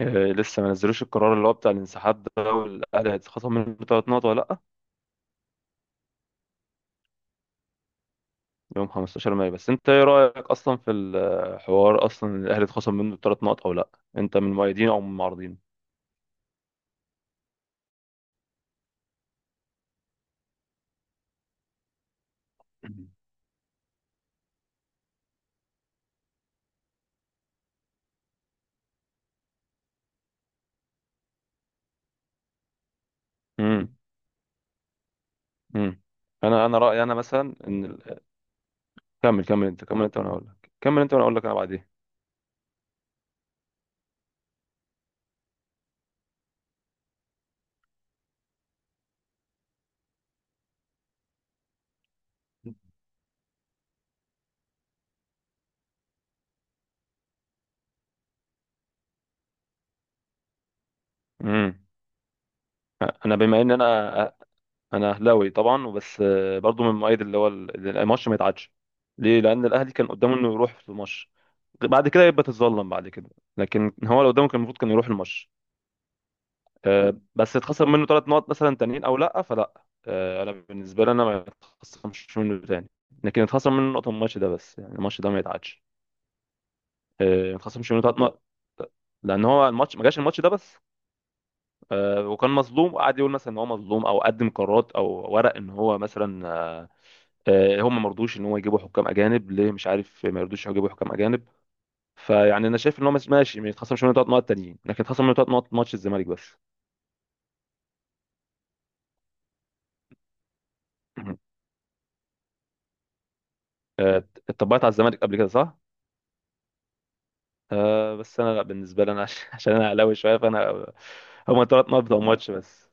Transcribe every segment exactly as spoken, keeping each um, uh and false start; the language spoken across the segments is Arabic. آه، لسه ما نزلوش القرار اللي هو بتاع الانسحاب ده والاهلي هيتخصم منه ثلاث نقط ولا لا؟ يوم 15 مايو. بس انت ايه رايك اصلا في الحوار اصلا إن الاهلي اتخصم منه ثلاث نقط او لا؟ انت من مؤيدين او من معارضين؟ امم امم انا انا رايي انا مثلا ان ال- كمل كمل انت كمل انت وانا اقول لك كمل انت وانا اقول لك انا بعدين. امم انا بما ان انا انا اهلاوي طبعا وبس، آه، برضو من مؤيد اللي هو ال- الماتش ما يتعادش. ليه؟ لان الاهلي كان قدامه انه يروح في الماتش، بعد كده يبقى تتظلم بعد كده. لكن هو لو قدامه كان المفروض كان يروح الماتش. آه، بس اتخسر منه ثلاث نقط مثلا تانيين او لا؟ فلا. آه، انا بالنسبه لي انا ما يتخصمش منه تاني، لكن اتخسر منه نقطه من الماتش ده بس، يعني الماتش ده ما يتعادش. آه، ما اتخصمش منه ثلاث نقط، لان هو الماتش ما جاش الماتش ده بس. آه، وكان مظلوم وقعد يقول مثلا ان هو مظلوم، او قدم قرارات او ورق ان هو مثلا، آه، آه، هم ما رضوش ان هو يجيبوا حكام اجانب، ليه مش عارف ما يرضوش يجيبوا حكام اجانب. فيعني انا شايف ان هو مش- ماشي، ما يتخصمش منه ثلاث نقط تانيين، لكن يتخصم منه ثلاث نقط ماتش الزمالك بس. آه، اتطبقت على الزمالك قبل كده، صح؟ آه، بس انا لا، بالنسبه لي انا عش- عشان انا اهلاوي شويه، فانا هما ثلاث نقط بتوع ماتش بس.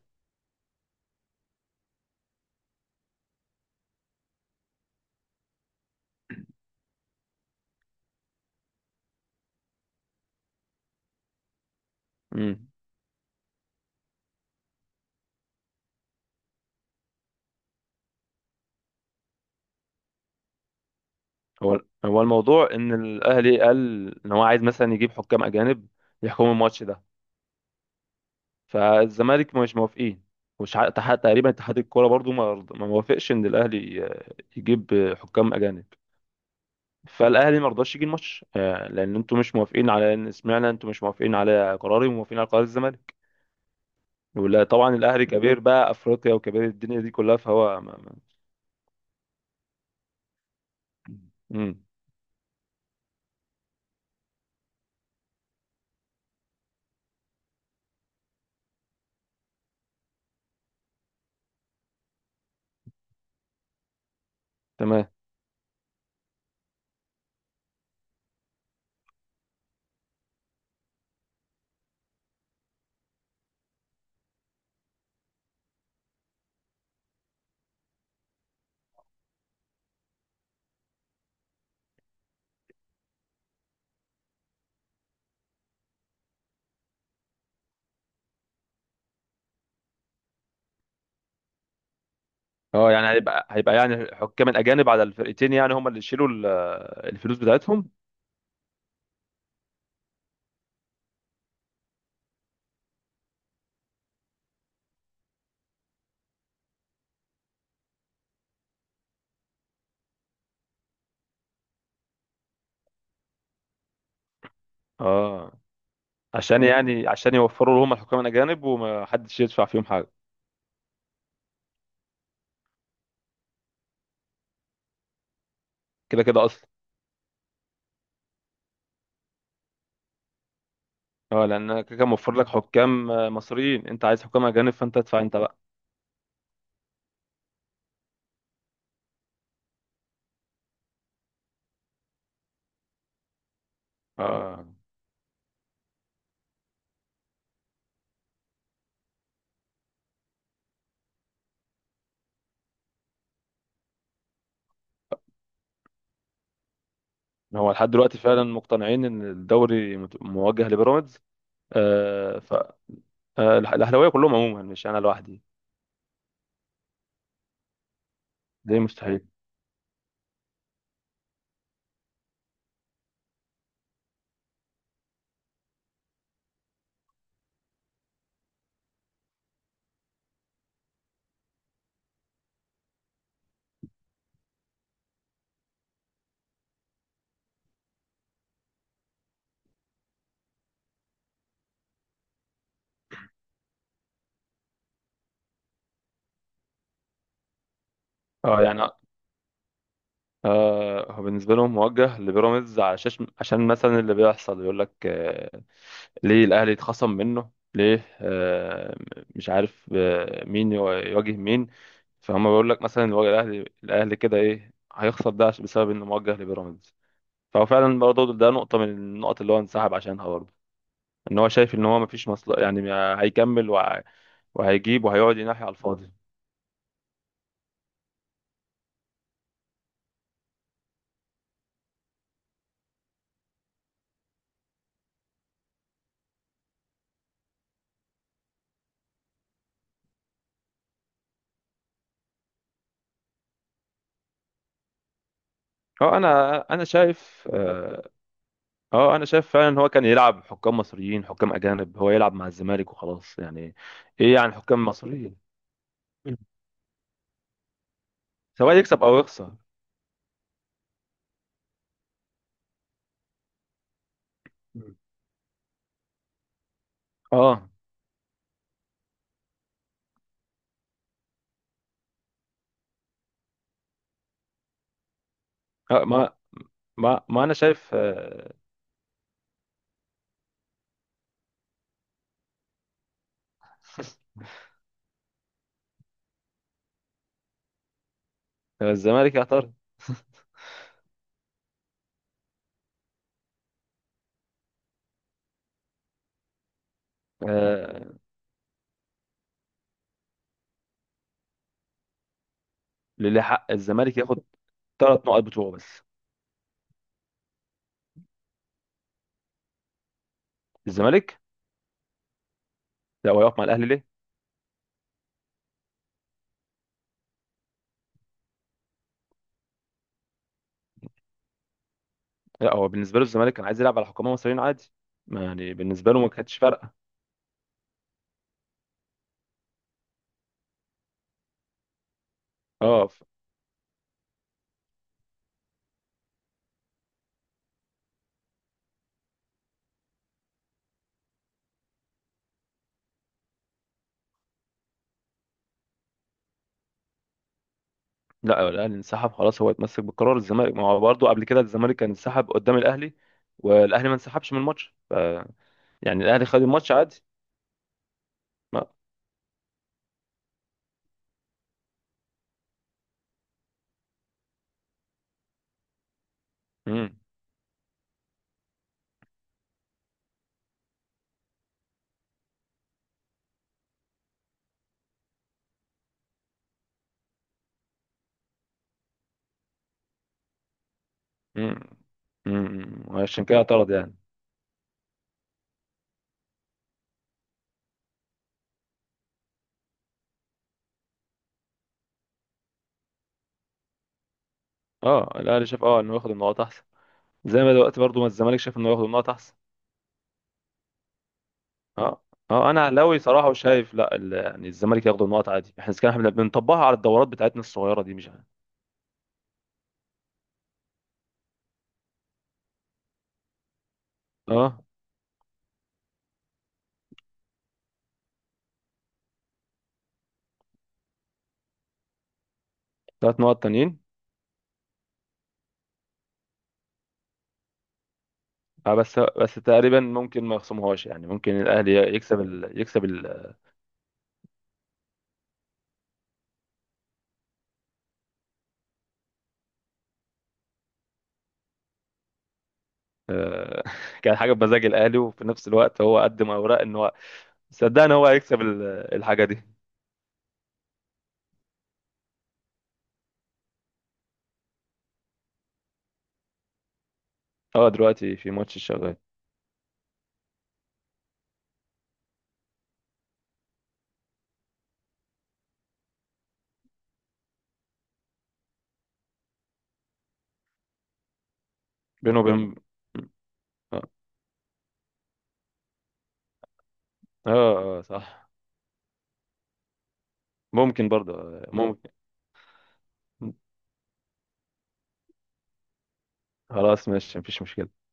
مم. هو هو الموضوع ان الاهلي قال ان هو عايز مثلا يجيب حكام اجانب يحكموا الماتش ده. فالزمالك مش موافقين، وش ع- تح- تقريبا اتحاد الكوره برضو ما رض- ما موافقش ان الاهلي آه، يجيب آه، حكام اجانب. فالاهلي ما رضاش يجي الماتش، آه، لان انتوا مش موافقين على ان، سمعنا انتوا مش موافقين على قراري وموافقين على قرار الزمالك. ولا طبعا الاهلي كبير بقى افريقيا وكبير الدنيا دي كلها، فهو ما ما. امم. تمام. اه، يعني هيبقى هيبقى يعني حكام الاجانب على الفرقتين، يعني هم اللي يشيلوا ال- الفلوس بتاعتهم. اه، عشان يعني عشان يوفروا لهم الحكام الاجانب وما حدش يدفع فيهم حاجه كده كده اصلا. اه، لان أنا كده كده موفر لك حكام، آه، مصريين، انت عايز حكام اجانب فانت ادفع انت بقى. اه، هو لحد دلوقتي فعلا مقتنعين ان الدوري مت- موجه لبيراميدز؟ آه. ف آه، الأح- الاهلاويه كلهم عموما، مش انا لوحدي. ليه مستحيل؟ اه، يعني، آه هو بالنسبه لهم موجه لبيراميدز، عشان عشان مثلا اللي بيحصل يقول لك، آه ليه الاهلي اتخصم منه، ليه آه مش عارف آه مين يو- يواجه مين. فهم بيقول لك مثلا، الوا- الاهلي الاهلي كده ايه هيخسر ده عش- بسبب انه موجه لبيراميدز. فهو فعلا برضه ده نقطه من النقط اللي هو انسحب عشانها برضه، ان هو شايف ان هو مفيش مصلحه يعني هيكمل، وه... وهيجيب وهيقعد ينحي على الفاضي. اه، انا انا شايف، اه آه، انا شايف فعلا ان هو كان يلعب حكام مصريين، حكام اجانب هو يلعب مع الزمالك وخلاص يعني. ايه يعني حكام مصريين؟ مم. سواء يكسب او يخسر. مم. اه، آه، ما ما ما انا شايف، آه، الزمالك يعترض. آه، للي حق، الزمالك ياخد ثلاث نقط بتوعه بس. الزمالك، لا هو يقف مع الاهلي ليه؟ لا، هو بالنسبه له الزمالك كان عايز يلعب على حكام مصريين عادي، ما يعني بالنسبه له ما كانتش فارقه. اه، ف- لا، الاهلي انسحب خلاص، هو اتمسك بقرار الزمالك، ما هو برضه قبل كده الزمالك كان انسحب قدام الاهلي، والاهلي ما انسحبش من الماتش، ف يعني الاهلي خد الماتش عادي. ما امم امم امم عشان كده اعترض يعني. اه، الاهلي شاف، اه انه ياخد النقاط احسن، زي ما دلوقتي برضه ما الزمالك شاف انه ياخد النقاط احسن. اه. اه، انا اهلاوي صراحه وشايف لا، ال- يعني الزمالك ياخد النقط عادي، احنا كان احنا بنطبقها على الدورات بتاعتنا الصغيره دي، مش عارف. اه، ثلاث نقط تانيين. اه، بس بس تقريبا ممكن ما يخصمهاش، يعني ممكن الاهلي يكسب ال... يكسب ال... آه، كان حاجه بمزاج الاهلي، وفي نفس الوقت هو قدم اوراق ان هو. صدقني هو هيكسب ال... الحاجه دي. اه، دلوقتي في ماتش شغال بينه وبين اه اه، آه، صح. ممكن برضه، آه، ممكن. خلاص ماشي، مفيش مشكله.